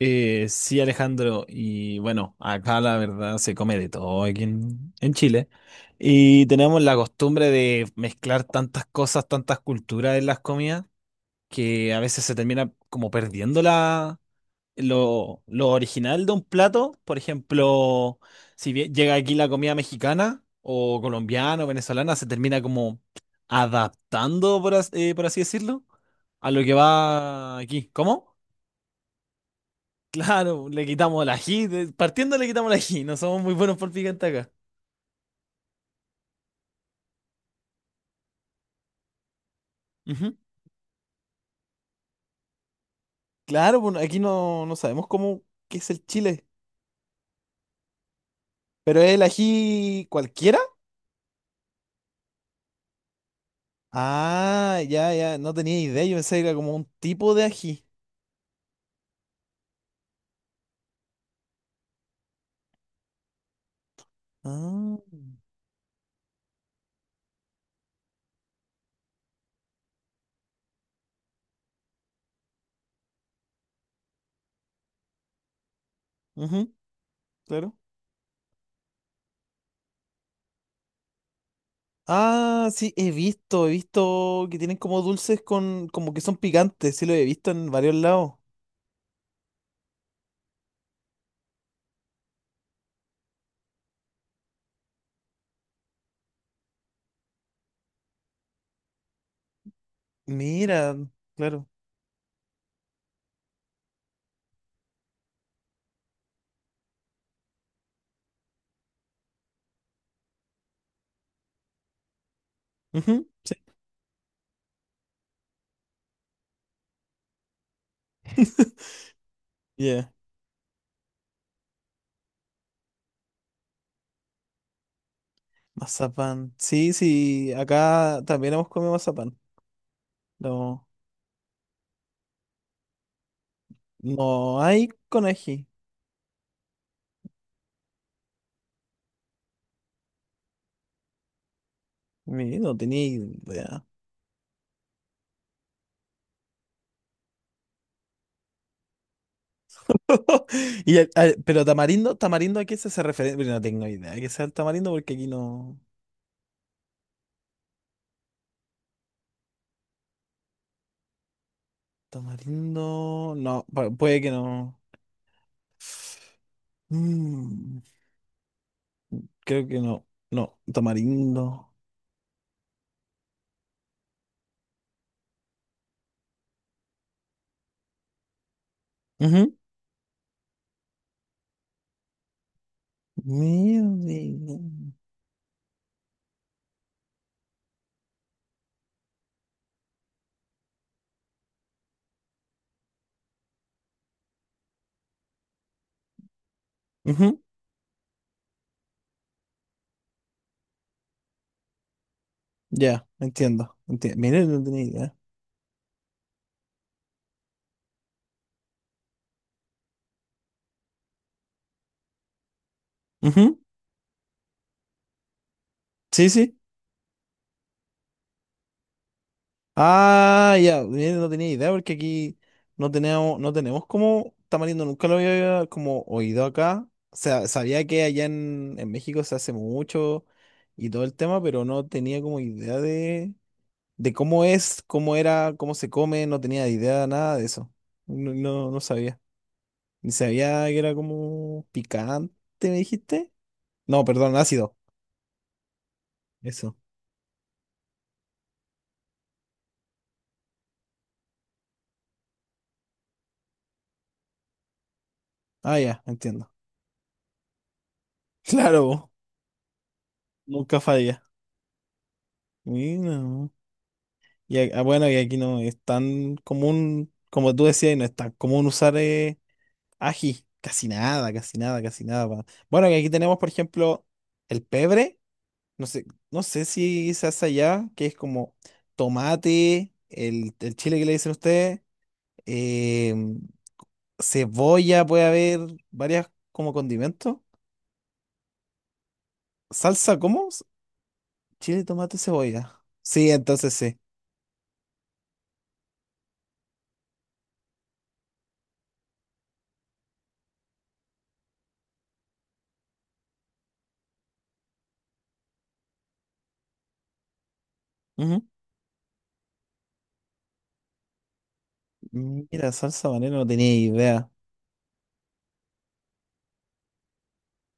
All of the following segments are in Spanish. Sí, Alejandro, y bueno, acá la verdad se come de todo aquí en Chile. Y tenemos la costumbre de mezclar tantas cosas, tantas culturas en las comidas, que a veces se termina como perdiendo lo original de un plato. Por ejemplo, si bien llega aquí la comida mexicana o colombiana o venezolana, se termina como adaptando, por así decirlo, a lo que va aquí. ¿Cómo? Claro, le quitamos el ají. Partiendo le quitamos el ají. No somos muy buenos por picante acá. Ujú. Claro, bueno, aquí no sabemos cómo qué es el chile. ¿Pero es el ají cualquiera? Ah, ya, ya, no tenía idea. Yo pensé que era como un tipo de ají. Ah, ujú, claro. Ah, sí, he visto que tienen como dulces con, como que son picantes. Sí, lo he visto en varios lados. Mira, claro. Ujú, sí. Ya. Mazapán. Sí, sí, acá también hemos comido mazapán. No, no hay con ají. No tenía idea. Y pero tamarindo, tamarindo, ¿a qué se hace referencia? No tengo idea de que sea el tamarindo porque aquí no. Tamarindo. No, puede que no. Mm, creo que no. No, tamarindo. Ujú. Mierda. Ujú. Ya, entiendo. Entiendo. Mira, no tenía idea. Ujú. Sí, sí. Ah, ya, mira, no tenía idea porque aquí no tenemos como tamarindo, nunca lo había como oído acá. O sea, sabía que allá en México se hace mucho y todo el tema, pero no tenía como idea de cómo es, cómo era, cómo se come, no tenía idea de nada de eso. No, no, no sabía. Ni sabía que era como picante, ¿me dijiste? No, perdón, ácido. Eso. Ah, ya, entiendo. Claro, nunca falla. Mira, no. Bueno, y aquí no es tan común, como tú decías, y no es tan común usar ají. Casi nada, casi nada, casi nada. Bueno, y aquí tenemos, por ejemplo, el pebre. No sé, no sé si se hace allá, que es como tomate, el chile que le dicen ustedes, eh, cebolla, puede haber varias como condimentos. ¿Salsa cómo? Chile, tomate, cebolla. Sí, entonces sí. Ujú. Mira, salsa banera, no tenía idea.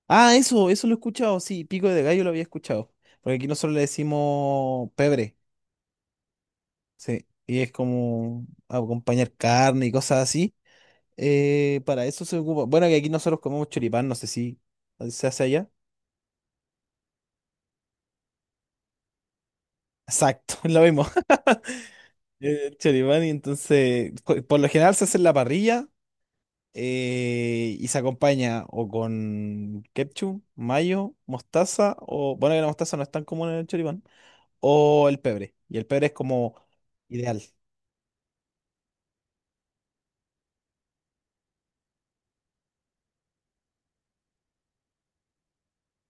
Ah, eso lo he escuchado, sí, pico de gallo lo había escuchado. Porque aquí nosotros le decimos pebre, sí, y es como acompañar carne y cosas así. Para eso se ocupa. Bueno, que aquí nosotros comemos choripán, no sé si se hace allá. Exacto, lo mismo. Choripán, y entonces, por lo general se hace en la parrilla y se acompaña o con ketchup, mayo, mostaza, o bueno, que la mostaza no es tan común en el choripán, o el pebre. Y el pebre es como ideal.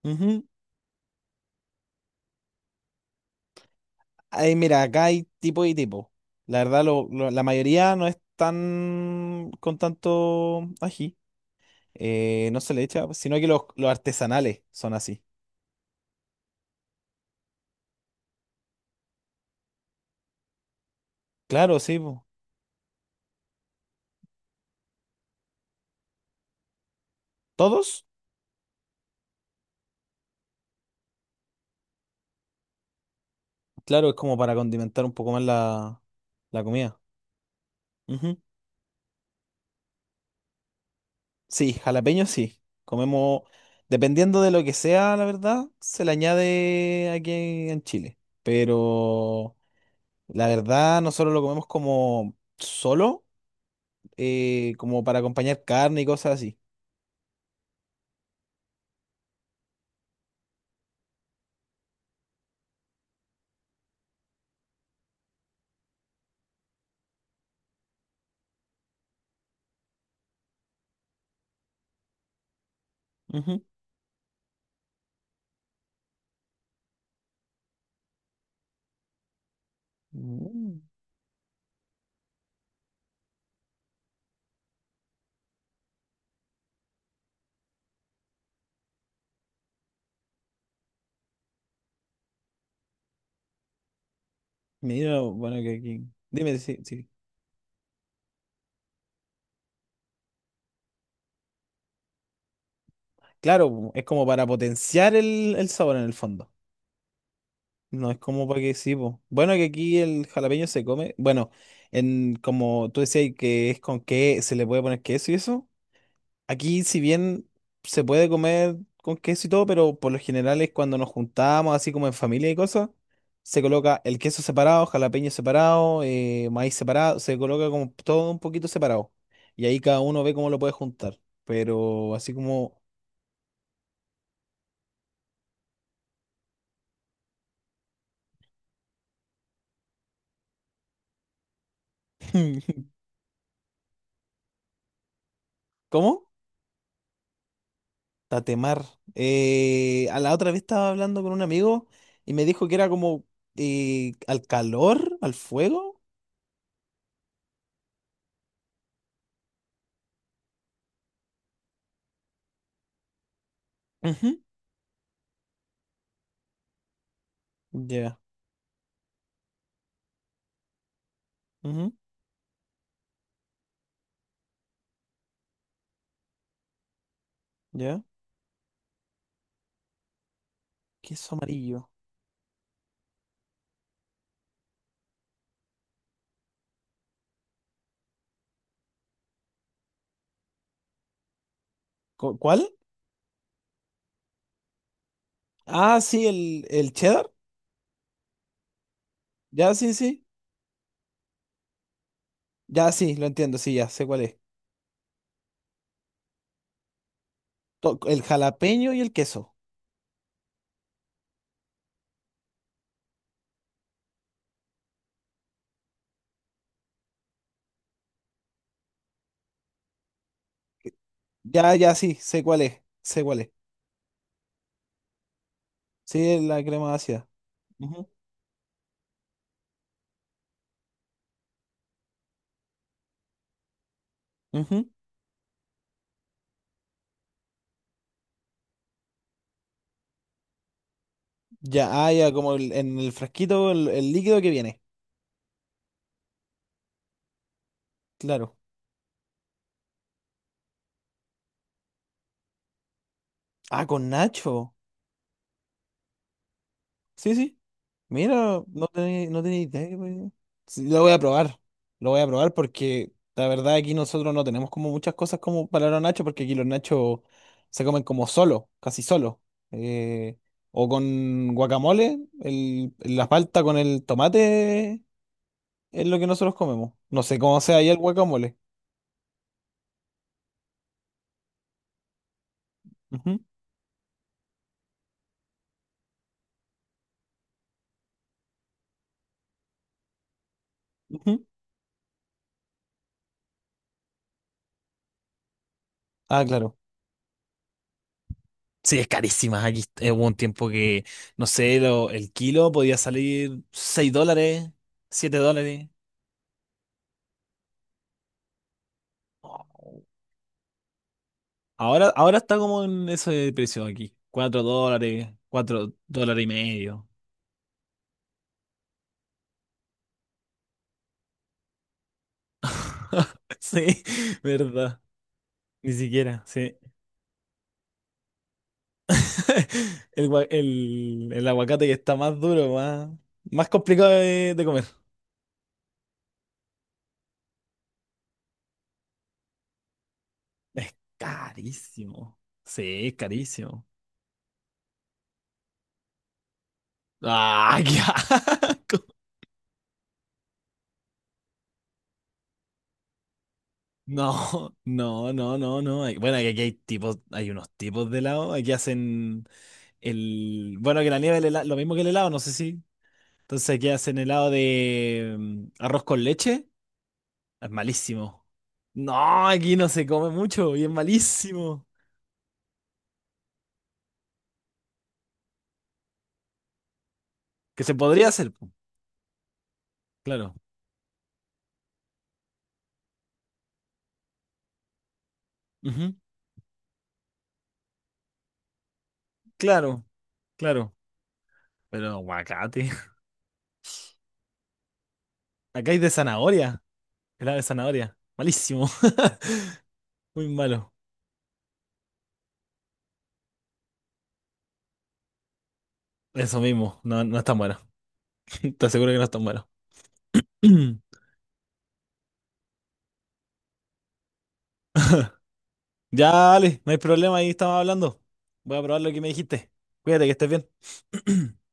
Ujú. Ay, mira, acá hay tipo y tipo. La verdad, la mayoría no es tan con tanto ají. No se le echa, sino que los artesanales son así. Claro, sí, po. ¿Todos? Claro, es como para condimentar un poco más la comida. Ujú. Sí, jalapeño sí. Comemos, dependiendo de lo que sea, la verdad, se le añade aquí en Chile. Pero... La verdad, nosotros lo comemos como solo, como para acompañar carne y cosas así. Ujú. Mm. Mira, bueno. Dime, sí, sí. Claro, es como para potenciar el sabor en el fondo. No es como para que sí, po. Bueno, que aquí el jalapeño se come. Bueno, en como tú decías que es con qué se le puede poner queso y eso. Aquí, si bien se puede comer con queso y todo, pero por lo general es cuando nos juntamos, así como en familia y cosas, se coloca el queso separado, jalapeño separado, maíz separado, se coloca como todo un poquito separado. Y ahí cada uno ve cómo lo puede juntar. Pero así como... ¿Cómo? Tatemar. A la otra vez estaba hablando con un amigo y me dijo que era como al calor, al fuego. Ujú. Ya. Ujú. Ya. Queso amarillo. ¿Cuál? Ah, sí, el cheddar. Ya, sí, sí. Ya, sí, lo entiendo, sí, ya sé cuál es. El jalapeño y el queso. Ya, ya, sí, sé cuál es. Sé cuál es. Sí, la crema ácida. Ujú, ujú. Ya, ah, ya, como en el frasquito, el líquido que viene. Claro. Ah, con nacho. Sí, sí. Mira, no tenía idea que podía- Sí, lo voy a probar. Lo voy a probar porque la verdad aquí nosotros no tenemos como muchas cosas como para los nachos porque aquí los nachos se comen como solo, casi solo. Eh, o con guacamole, la palta con el tomate es lo que nosotros comemos. No sé cómo sea ahí el guacamole. Ujú, ujú. Ah, claro. Sí, es carísima. Aquí hubo un tiempo que, no sé, el kilo podía salir 6 dólares, 7 dólares. Ahora está como en ese precio aquí. 4 dólares, 4 dólares y medio. Sí, verdad. Ni siquiera, sí. El aguacate que está más duro, más complicado de comer. Es carísimo. Sí, es carísimo. ¡Ah, qué asco! No, no, no, no, no. Bueno, aquí hay tipos, hay unos tipos de helado. Aquí hacen el. Bueno, que la nieve, el helado, lo mismo que el helado, no sé si. Entonces, ¿qué hacen helado de arroz con leche? Es malísimo. No, aquí no se come mucho y es malísimo. Que se podría hacer, po, claro. Ujú. Claro, claro. Pero aguacate. Acá hay de zanahoria. Helado de zanahoria. Malísimo. Muy malo. Eso mismo. No, no es tan bueno. Te aseguro que no es tan bueno. Ya, dale. No hay problema. Ahí estamos hablando. Voy a probar lo que me dijiste. Cuídate, que estés bien.